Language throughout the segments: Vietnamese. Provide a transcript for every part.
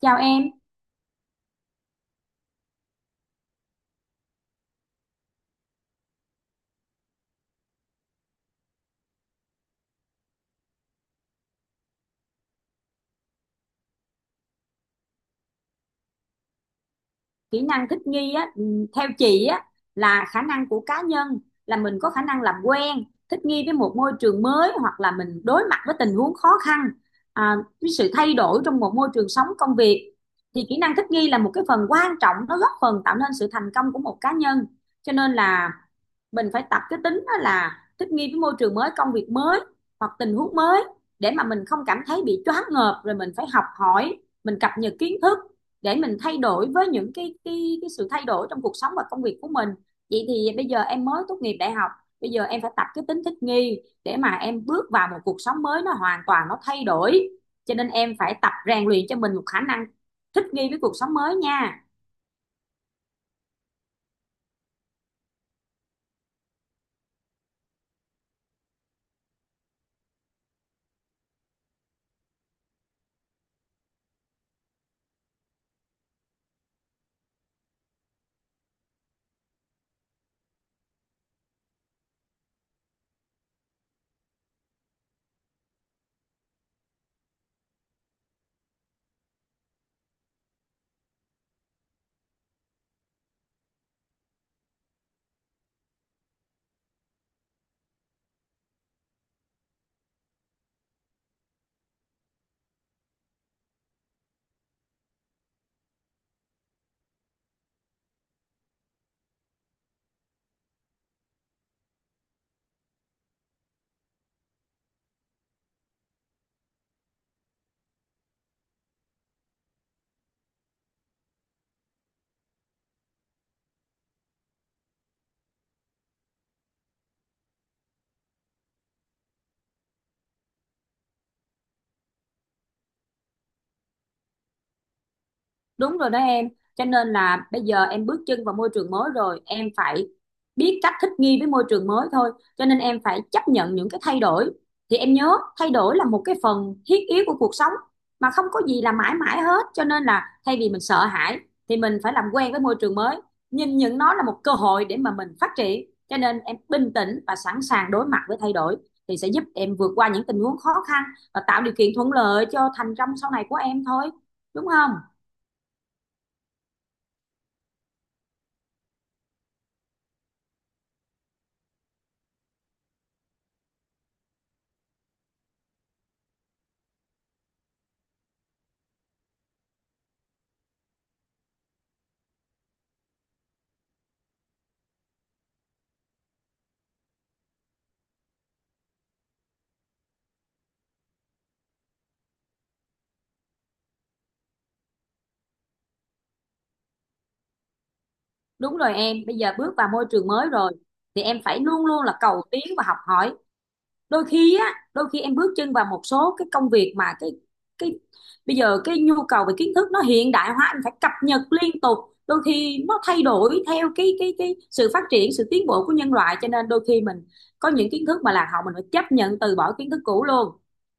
Chào em. Kỹ năng thích nghi á, theo chị á, là khả năng của cá nhân, là mình có khả năng làm quen, thích nghi với một môi trường mới, hoặc là mình đối mặt với tình huống khó khăn, à, với sự thay đổi trong một môi trường sống công việc. Thì kỹ năng thích nghi là một cái phần quan trọng, nó góp phần tạo nên sự thành công của một cá nhân. Cho nên là mình phải tập cái tính đó, là thích nghi với môi trường mới, công việc mới hoặc tình huống mới, để mà mình không cảm thấy bị choáng ngợp, rồi mình phải học hỏi, mình cập nhật kiến thức để mình thay đổi với những cái sự thay đổi trong cuộc sống và công việc của mình. Vậy thì bây giờ em mới tốt nghiệp đại học, bây giờ em phải tập cái tính thích nghi để mà em bước vào một cuộc sống mới, nó hoàn toàn nó thay đổi, cho nên em phải tập rèn luyện cho mình một khả năng thích nghi với cuộc sống mới nha. Đúng rồi đó em, cho nên là bây giờ em bước chân vào môi trường mới rồi, em phải biết cách thích nghi với môi trường mới thôi, cho nên em phải chấp nhận những cái thay đổi. Thì em nhớ, thay đổi là một cái phần thiết yếu của cuộc sống, mà không có gì là mãi mãi hết, cho nên là thay vì mình sợ hãi thì mình phải làm quen với môi trường mới, nhìn nhận nó là một cơ hội để mà mình phát triển. Cho nên em bình tĩnh và sẵn sàng đối mặt với thay đổi thì sẽ giúp em vượt qua những tình huống khó khăn và tạo điều kiện thuận lợi cho thành công sau này của em thôi, đúng không? Đúng rồi em, bây giờ bước vào môi trường mới rồi thì em phải luôn luôn là cầu tiến và học hỏi. đôi khi á Đôi khi em bước chân vào một số cái công việc mà cái bây giờ cái nhu cầu về kiến thức nó hiện đại hóa, anh phải cập nhật liên tục. Đôi khi nó thay đổi theo cái sự phát triển, sự tiến bộ của nhân loại, cho nên đôi khi mình có những kiến thức mà lạc hậu, mình phải chấp nhận từ bỏ kiến thức cũ luôn.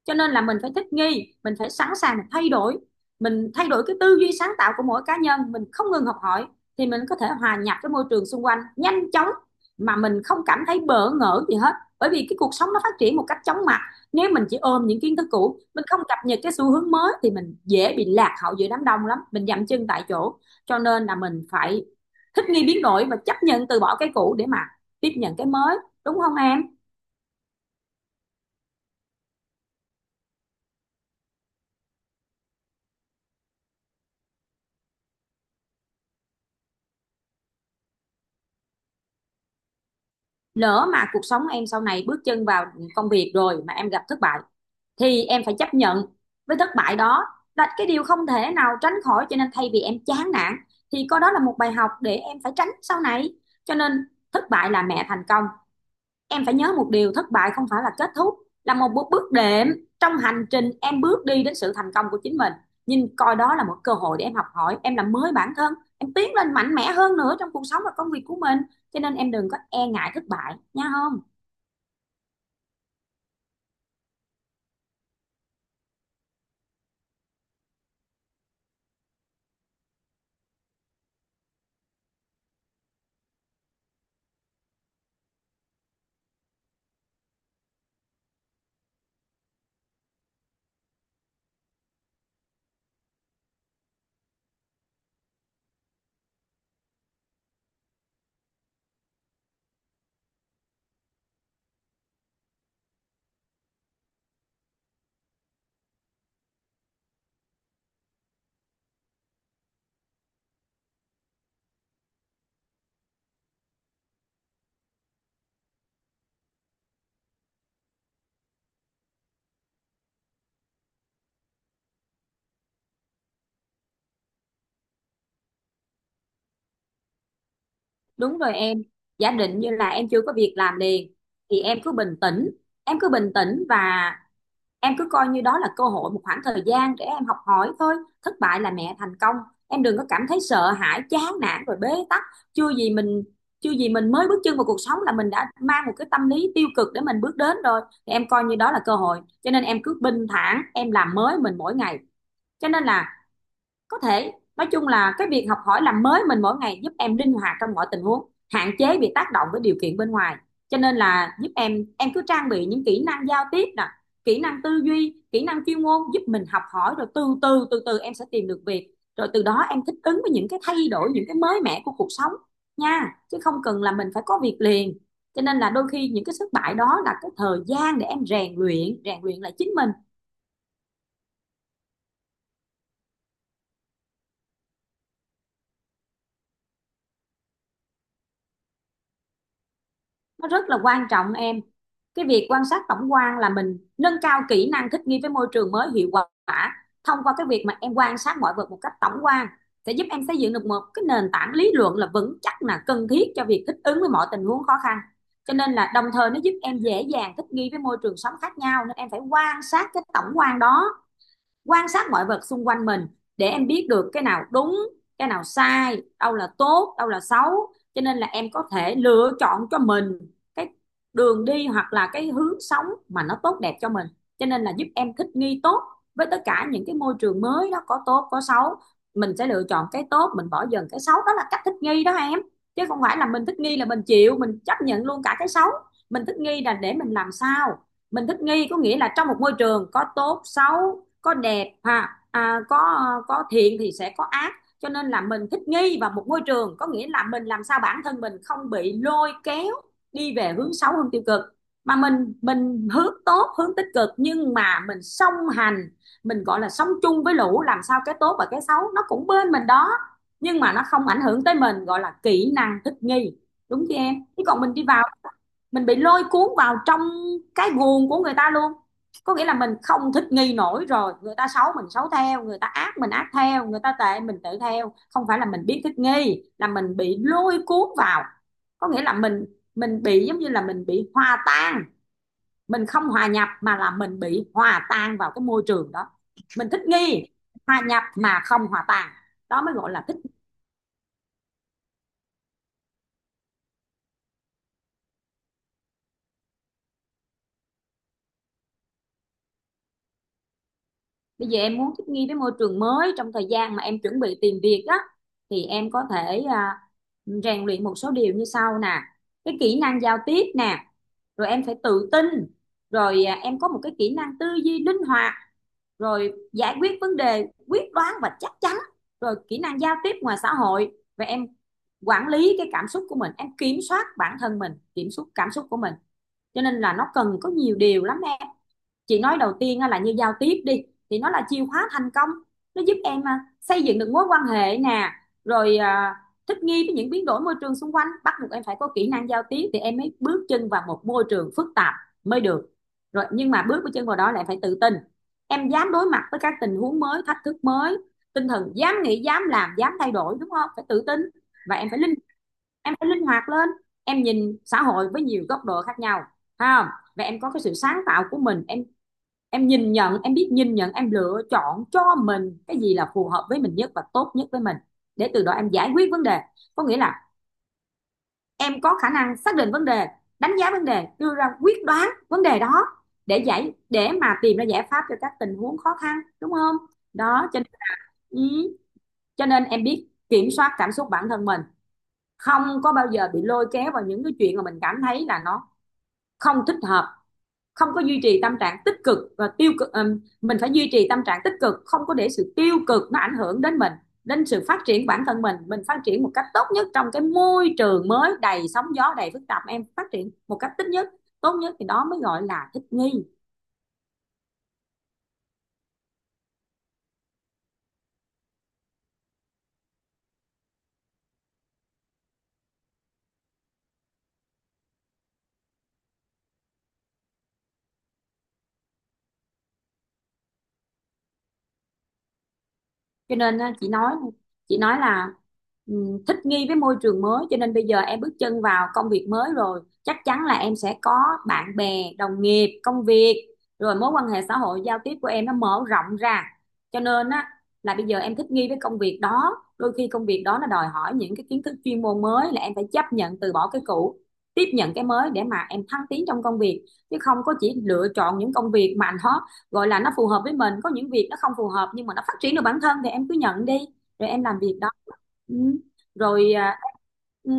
Cho nên là mình phải thích nghi, mình phải sẵn sàng, mình thay đổi cái tư duy sáng tạo của mỗi cá nhân, mình không ngừng học hỏi thì mình có thể hòa nhập với môi trường xung quanh nhanh chóng, mà mình không cảm thấy bỡ ngỡ gì hết. Bởi vì cái cuộc sống nó phát triển một cách chóng mặt, nếu mình chỉ ôm những kiến thức cũ, mình không cập nhật cái xu hướng mới thì mình dễ bị lạc hậu giữa đám đông lắm, mình dậm chân tại chỗ. Cho nên là mình phải thích nghi, biến đổi và chấp nhận từ bỏ cái cũ để mà tiếp nhận cái mới, đúng không em? Lỡ mà cuộc sống em sau này bước chân vào công việc rồi mà em gặp thất bại thì em phải chấp nhận với thất bại đó, là cái điều không thể nào tránh khỏi, cho nên thay vì em chán nản thì coi đó là một bài học để em phải tránh sau này. Cho nên thất bại là mẹ thành công, em phải nhớ một điều, thất bại không phải là kết thúc, là một bước đệm trong hành trình em bước đi đến sự thành công của chính mình. Nhìn coi đó là một cơ hội để em học hỏi, em làm mới bản thân, em tiến lên mạnh mẽ hơn nữa trong cuộc sống và công việc của mình, cho nên em đừng có e ngại thất bại nha, không? Đúng rồi em, giả định như là em chưa có việc làm liền thì em cứ bình tĩnh và em cứ coi như đó là cơ hội, một khoảng thời gian để em học hỏi thôi. Thất bại là mẹ thành công, em đừng có cảm thấy sợ hãi, chán nản rồi bế tắc. Chưa gì mình chưa gì mình mới bước chân vào cuộc sống là mình đã mang một cái tâm lý tiêu cực để mình bước đến rồi. Thì em coi như đó là cơ hội, cho nên em cứ bình thản, em làm mới mình mỗi ngày. Cho nên là, có thể nói chung là cái việc học hỏi làm mới mình mỗi ngày giúp em linh hoạt trong mọi tình huống, hạn chế bị tác động với điều kiện bên ngoài. Cho nên là giúp em cứ trang bị những kỹ năng giao tiếp nè, kỹ năng tư duy, kỹ năng chuyên môn, giúp mình học hỏi, rồi từ từ em sẽ tìm được việc, rồi từ đó em thích ứng với những cái thay đổi, những cái mới mẻ của cuộc sống nha, chứ không cần là mình phải có việc liền. Cho nên là đôi khi những cái thất bại đó là cái thời gian để em rèn luyện lại chính mình. Nó rất là quan trọng em, cái việc quan sát tổng quan là mình nâng cao kỹ năng thích nghi với môi trường mới hiệu quả. Thông qua cái việc mà em quan sát mọi vật một cách tổng quan sẽ giúp em xây dựng được một cái nền tảng lý luận là vững chắc, là cần thiết cho việc thích ứng với mọi tình huống khó khăn. Cho nên là đồng thời nó giúp em dễ dàng thích nghi với môi trường sống khác nhau, nên em phải quan sát cái tổng quan đó, quan sát mọi vật xung quanh mình để em biết được cái nào đúng, cái nào sai, đâu là tốt, đâu là xấu, cho nên là em có thể lựa chọn cho mình cái đường đi, hoặc là cái hướng sống mà nó tốt đẹp cho mình. Cho nên là giúp em thích nghi tốt với tất cả những cái môi trường mới đó, có tốt có xấu, mình sẽ lựa chọn cái tốt, mình bỏ dần cái xấu, đó là cách thích nghi đó em. Chứ không phải là mình thích nghi là mình chịu, mình chấp nhận luôn cả cái xấu. Mình thích nghi là để mình làm sao, mình thích nghi có nghĩa là trong một môi trường có tốt xấu, có đẹp ha, có thiện thì sẽ có ác, cho nên là mình thích nghi vào một môi trường có nghĩa là mình làm sao bản thân mình không bị lôi kéo đi về hướng xấu, hướng tiêu cực, mà mình hướng tốt, hướng tích cực, nhưng mà mình song hành, mình gọi là sống chung với lũ, làm sao cái tốt và cái xấu nó cũng bên mình đó, nhưng mà nó không ảnh hưởng tới mình, gọi là kỹ năng thích nghi, đúng chứ em? Chứ còn mình đi vào, mình bị lôi cuốn vào trong cái guồng của người ta luôn, có nghĩa là mình không thích nghi nổi rồi, người ta xấu mình xấu theo, người ta ác mình ác theo, người ta tệ mình tệ theo, không phải là mình biết thích nghi, là mình bị lôi cuốn vào, có nghĩa là mình bị giống như là mình bị hòa tan, mình không hòa nhập, mà là mình bị hòa tan vào cái môi trường đó. Mình thích nghi, hòa nhập mà không hòa tan, đó mới gọi là thích. Bây giờ em muốn thích nghi với môi trường mới trong thời gian mà em chuẩn bị tìm việc á, thì em có thể rèn luyện một số điều như sau nè. Cái kỹ năng giao tiếp nè, rồi em phải tự tin, rồi em có một cái kỹ năng tư duy linh hoạt, rồi giải quyết vấn đề quyết đoán và chắc chắn, rồi kỹ năng giao tiếp ngoài xã hội, và em quản lý cái cảm xúc của mình, em kiểm soát bản thân mình, kiểm soát cảm xúc của mình. Cho nên là nó cần có nhiều điều lắm. Chị nói đầu tiên là như giao tiếp đi, thì nó là chìa khóa thành công, nó giúp em xây dựng được mối quan hệ nè, rồi thích nghi với những biến đổi môi trường xung quanh, bắt buộc em phải có kỹ năng giao tiếp thì em mới bước chân vào một môi trường phức tạp mới được. Rồi nhưng mà bước chân vào đó lại phải tự tin, em dám đối mặt với các tình huống mới, thách thức mới, tinh thần dám nghĩ, dám làm, dám thay đổi, đúng không, phải tự tin. Và em phải linh hoạt lên, em nhìn xã hội với nhiều góc độ khác nhau ha, và em có cái sự sáng tạo của mình. Em nhìn nhận, em biết nhìn nhận, em lựa chọn cho mình cái gì là phù hợp với mình nhất và tốt nhất với mình, để từ đó em giải quyết vấn đề, có nghĩa là em có khả năng xác định vấn đề, đánh giá vấn đề, đưa ra quyết đoán vấn đề đó, để giải, để mà tìm ra giải pháp cho các tình huống khó khăn, đúng không? Đó, cho nên, ừ, cho nên em biết kiểm soát cảm xúc bản thân mình, không có bao giờ bị lôi kéo vào những cái chuyện mà mình cảm thấy là nó không thích hợp, không có duy trì tâm trạng tích cực và tiêu cực. Mình phải duy trì tâm trạng tích cực, không có để sự tiêu cực nó ảnh hưởng đến mình, đến sự phát triển bản thân mình. Mình phát triển một cách tốt nhất trong cái môi trường mới đầy sóng gió, đầy phức tạp, em phát triển một cách tích nhất, tốt nhất, thì đó mới gọi là thích nghi. Cho nên á, chị nói là, thích nghi với môi trường mới, cho nên bây giờ em bước chân vào công việc mới rồi, chắc chắn là em sẽ có bạn bè, đồng nghiệp, công việc, rồi mối quan hệ xã hội, giao tiếp của em nó mở rộng ra. Cho nên á, là bây giờ em thích nghi với công việc đó, đôi khi công việc đó nó đòi hỏi những cái kiến thức chuyên môn mới, là em phải chấp nhận từ bỏ cái cũ, tiếp nhận cái mới để mà em thăng tiến trong công việc. Chứ không có chỉ lựa chọn những công việc mà nó gọi là nó phù hợp với mình, có những việc nó không phù hợp nhưng mà nó phát triển được bản thân thì em cứ nhận đi, rồi em làm việc đó. Ừ. Rồi ừ,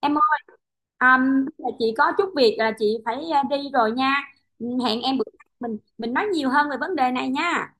em ơi, à, là chị có chút việc, là chị phải đi rồi nha. Ừ, hẹn em bữa khác mình nói nhiều hơn về vấn đề này nha.